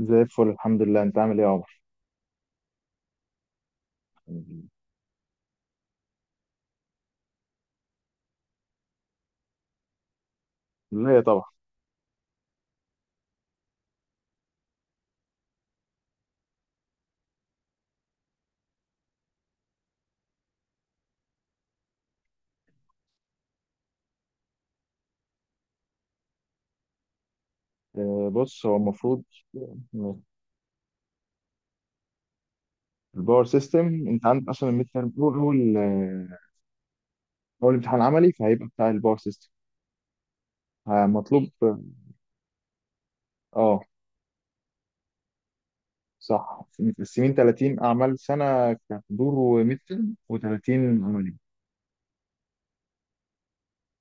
زي الفل، الحمد لله. انت عامل ايه يا عمر؟ لا، طبعا. بص، هو المفروض. الباور سيستم انت عندك اصلا، الميد تيرم هو اول امتحان عملي، فهيبقى بتاع الباور سيستم. مطلوب. اه. صح، متقسمين 30 اعمال سنه كحضور وميد تيرم، و30 عملي.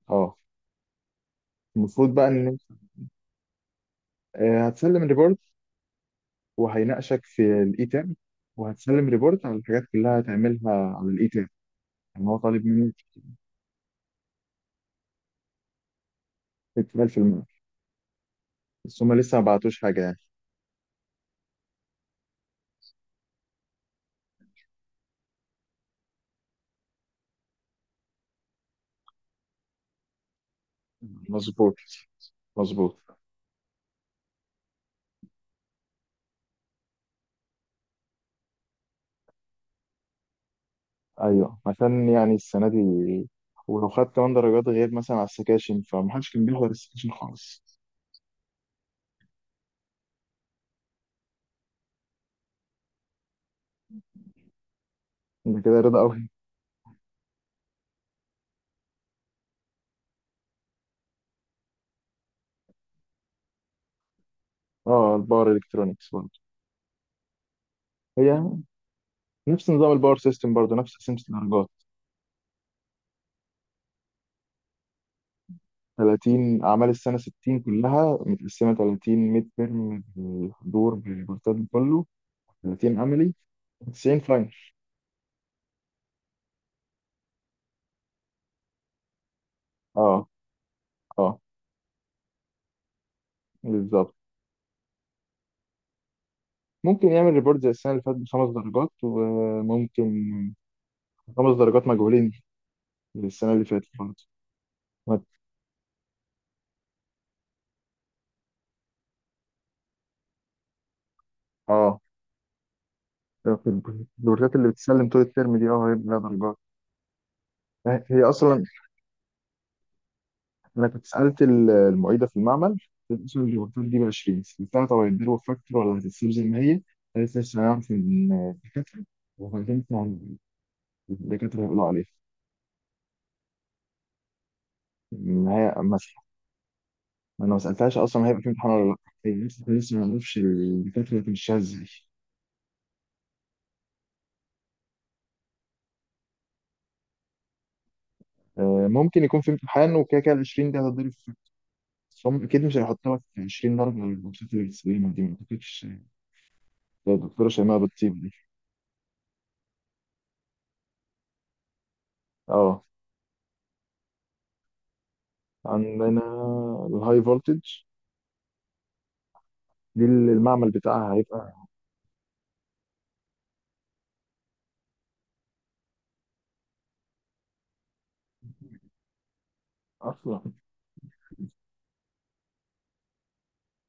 اه. المفروض بقى ان انت هتسلم ريبورت، وهيناقشك في الاي تيرم، وهتسلم ريبورت على الحاجات كلها هتعملها على الاي تيرم. يعني هو طالب منك 60%. بس هما لسه ما بعتوش حاجة يعني. مظبوط، مظبوط. أيوه، عشان يعني السنة دي ولو خدت كمان درجات غير مثلا على السكاشن، فمحدش كان بيحضر السكاشن خالص. ده كده رضا قوي. اه، الباور الكترونكس برضه، هي نفس نظام الباور سيستم، برضه نفس قسمة الدرجات. 30 أعمال السنة، 60 كلها متقسمة 30 ميد ترم بالحضور بالبورتال كله، 30 عملي، 90 فاينل. اه، اه، بالظبط. ممكن يعمل ريبورت زي السنة اللي فاتت بخمس درجات، وممكن خمس درجات مجهولين السنة اللي فاتت برضه. ما- اه. في الدورات اللي بتسلم طول الترم دي هي بلا درجات. هي اصلا انا كنت سالت المعيده في المعمل، قلت لها اصلا الدورات دي ب 20. سالتها طب هيديروا فاكتور ولا هتتسيب زي ما هي؟ قالت لي لسه هنعرف من الدكاتره، وبعدين طبعاً الدكاتره هيقولوا عليها إن هي مسح. انا ما سالتهاش اصلا هيبقى في امتحان ولا لا. هي لسه ما نعرفش الدكاتره هتمشيها ازاي. ممكن يكون في امتحان، وكده كده ال 20 دي هتضرب. بس هم اكيد مش هيحطوها في 20 درجه من الماتشات اللي بتسلمها دي، ما اعتقدش. ده الدكتوره شيماء بتطيب دي. اه، عندنا الهاي فولتج، دي اللي المعمل بتاعها هيبقى اصلا.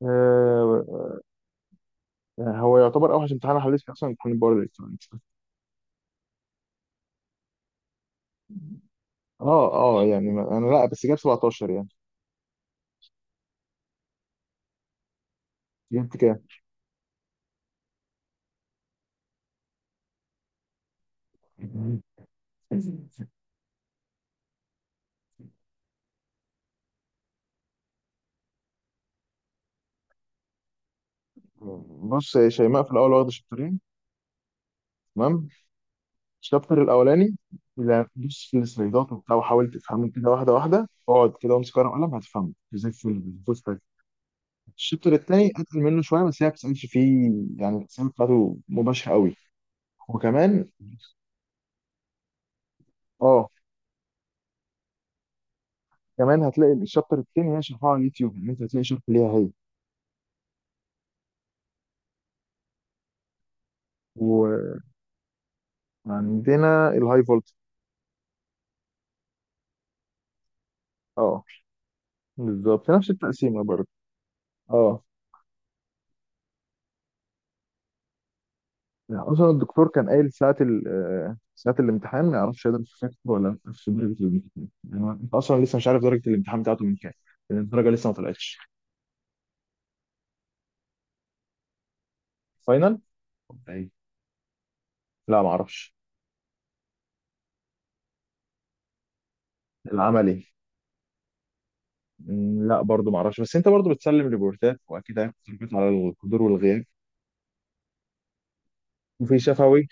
آه هو يعتبر اوحش امتحان حليت فيه اصلا، امتحان الباور الكترونكس. اه، اه، يعني انا، لا، بس جاب 17 يعني. جبت كام؟ بص يا شيماء، في الاول واخده شابترين. تمام. الشابتر الاولاني، لا، دوس في السلايدات وبتاع، وحاول تفهمه كده واحده واحده، اقعد كده وامسك ورقه وقلم هتفهمه زي الفل. بص بقى، الشابتر الثاني اتقل منه شويه، بس هي ما بتسالش فيه. يعني الاسئله بتاعته مباشره قوي. وكمان اه كمان هتلاقي الشابتر التاني هي شرحها على اليوتيوب، ان انت هتلاقي شرح ليها هي. وعندنا الهاي فولت. اه، بالظبط نفس التقسيمه برضه. اه، يعني اصلا الدكتور كان قايل ساعه ساعه الامتحان. ما يعرفش هيقدر يشوف فاكر ولا لا في درجه الامتحان. يعني انت اصلا لسه مش عارف درجه الامتحان بتاعته من كام، لأن الدرجه لسه ما طلعتش. فاينل. طيب. لا، ما اعرفش. العملي؟ مم، لا، برضه ما اعرفش. بس انت برضه بتسلم ريبورتات، واكيد هياخد تربيت على الحضور والغياب. وفي شفوي.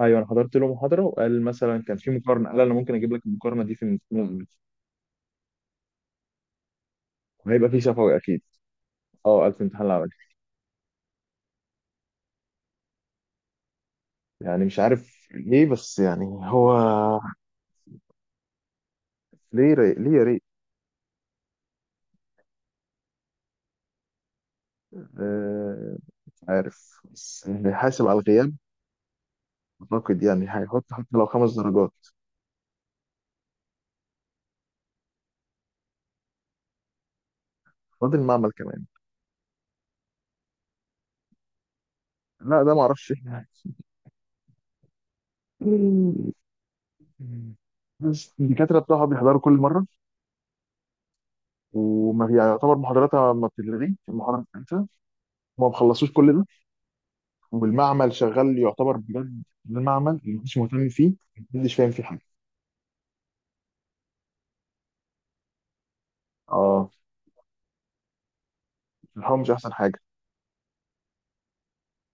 ايوه، انا حضرت له محاضره وقال مثلا كان في مقارنه، قال انا ممكن اجيب لك المقارنه دي في الامتحان العملي. وهيبقى في شفوي اكيد. اه، قال في الامتحان العملي. يعني مش عارف ليه، بس يعني هو. ليه يا ريت. آه... مش عارف، بس هيحاسب على الغياب. اعتقد يعني هيحط حتى لو خمس درجات. فاضل المعمل كمان. لا، ده ما اعرفش احنا، بس الدكاترة بتوعها بيحضروا كل مرة. وما يعني يعتبر محاضراتها ما بتتلغي المحاضرة بتاعتها، وما بخلصوش كل ده. والمعمل شغال يعتبر بجد، ده معمل اللي محدش مهتم فيه، محدش فاهم فيه حاجة. اه، الحوار مش أحسن حاجة.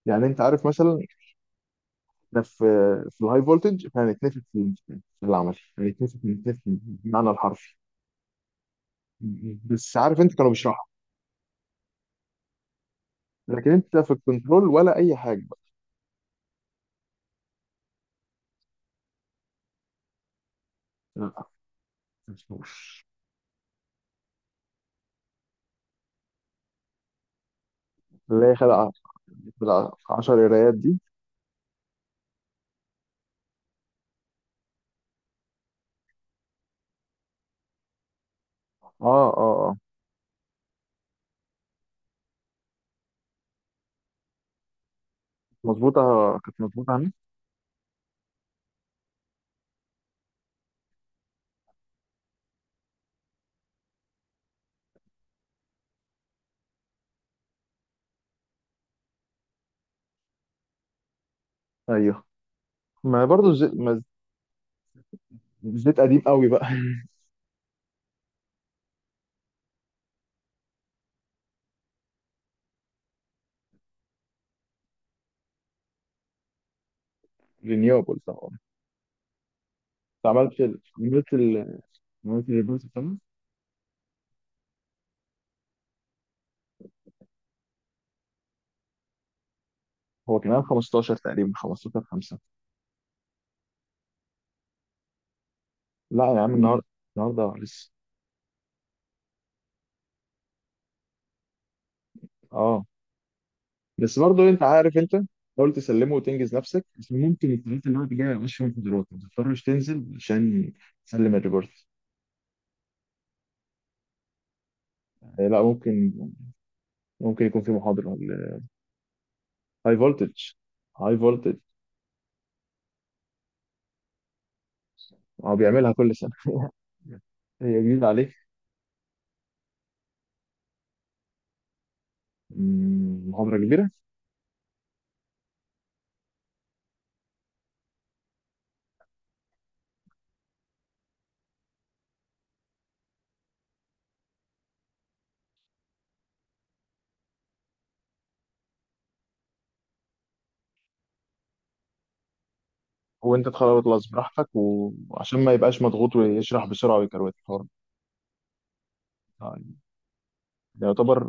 يعني أنت عارف مثلا احنا في في الهاي فولتج، فهنتنفخ في في العمل، هنتنفخ هنتنفخ بالمعنى الحرفي. بس عارف انت كانوا بيشرحوا، لكن انت في الكنترول ولا اي حاجه بقى. لا، مفهوش. اللي هي خدع، العشر قرايات دي. اه، اه، اه، مظبوطه. كانت مظبوطه عندي. ايوه، ما برضه الزيت ما الزيت قديم قوي بقى. رينيوبل طبعا. انت عملت الريبورت بتاعنا؟ هو كان عام 15 تقريبا، 15 5. لا يا عم، النهارده لسه. اه، بس برضه انت عارف انت، حاول تسلمه وتنجز نفسك، بس ممكن التلاتة اللي هو جاي مش فيهم محاضرات ما تضطرش تنزل عشان تسلم الريبورت. لا، ممكن، ممكن يكون في محاضرة. هاي فولتج هاي فولتج. هو بيعملها كل سنة. هي جديدة عليك. محاضرة كبيرة. وانت تخلص براحتك، وعشان ما يبقاش مضغوط ويشرح بسرعة ويكروت الحوار. يعني يعتبر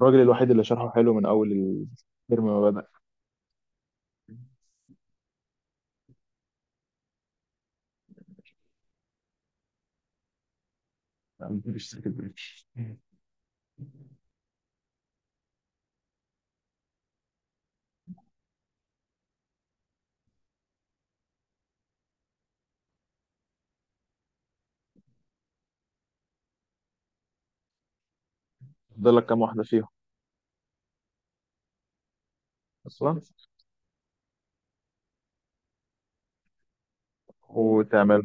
الراجل الوحيد اللي شرحه حلو من أول الترم ما بدأ. مفيش سكت بريك. فاضل لك كام واحدة فيهم؟ اصلا، وتعمل.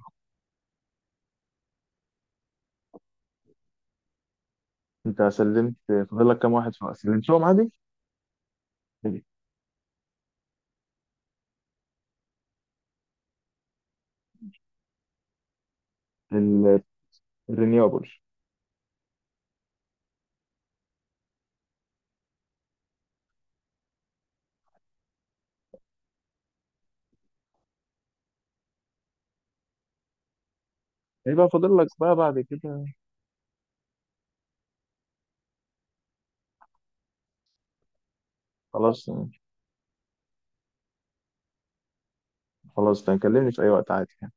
انت سلمت؟ فاضل لك كام واحد سلمتهم عادي؟ ال- الرينيوبل. ايه بقى فاضل لك بقى بعد كده؟ خلاص، خلاص، تكلمني في اي وقت عادي يعني.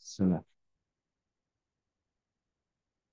سلام.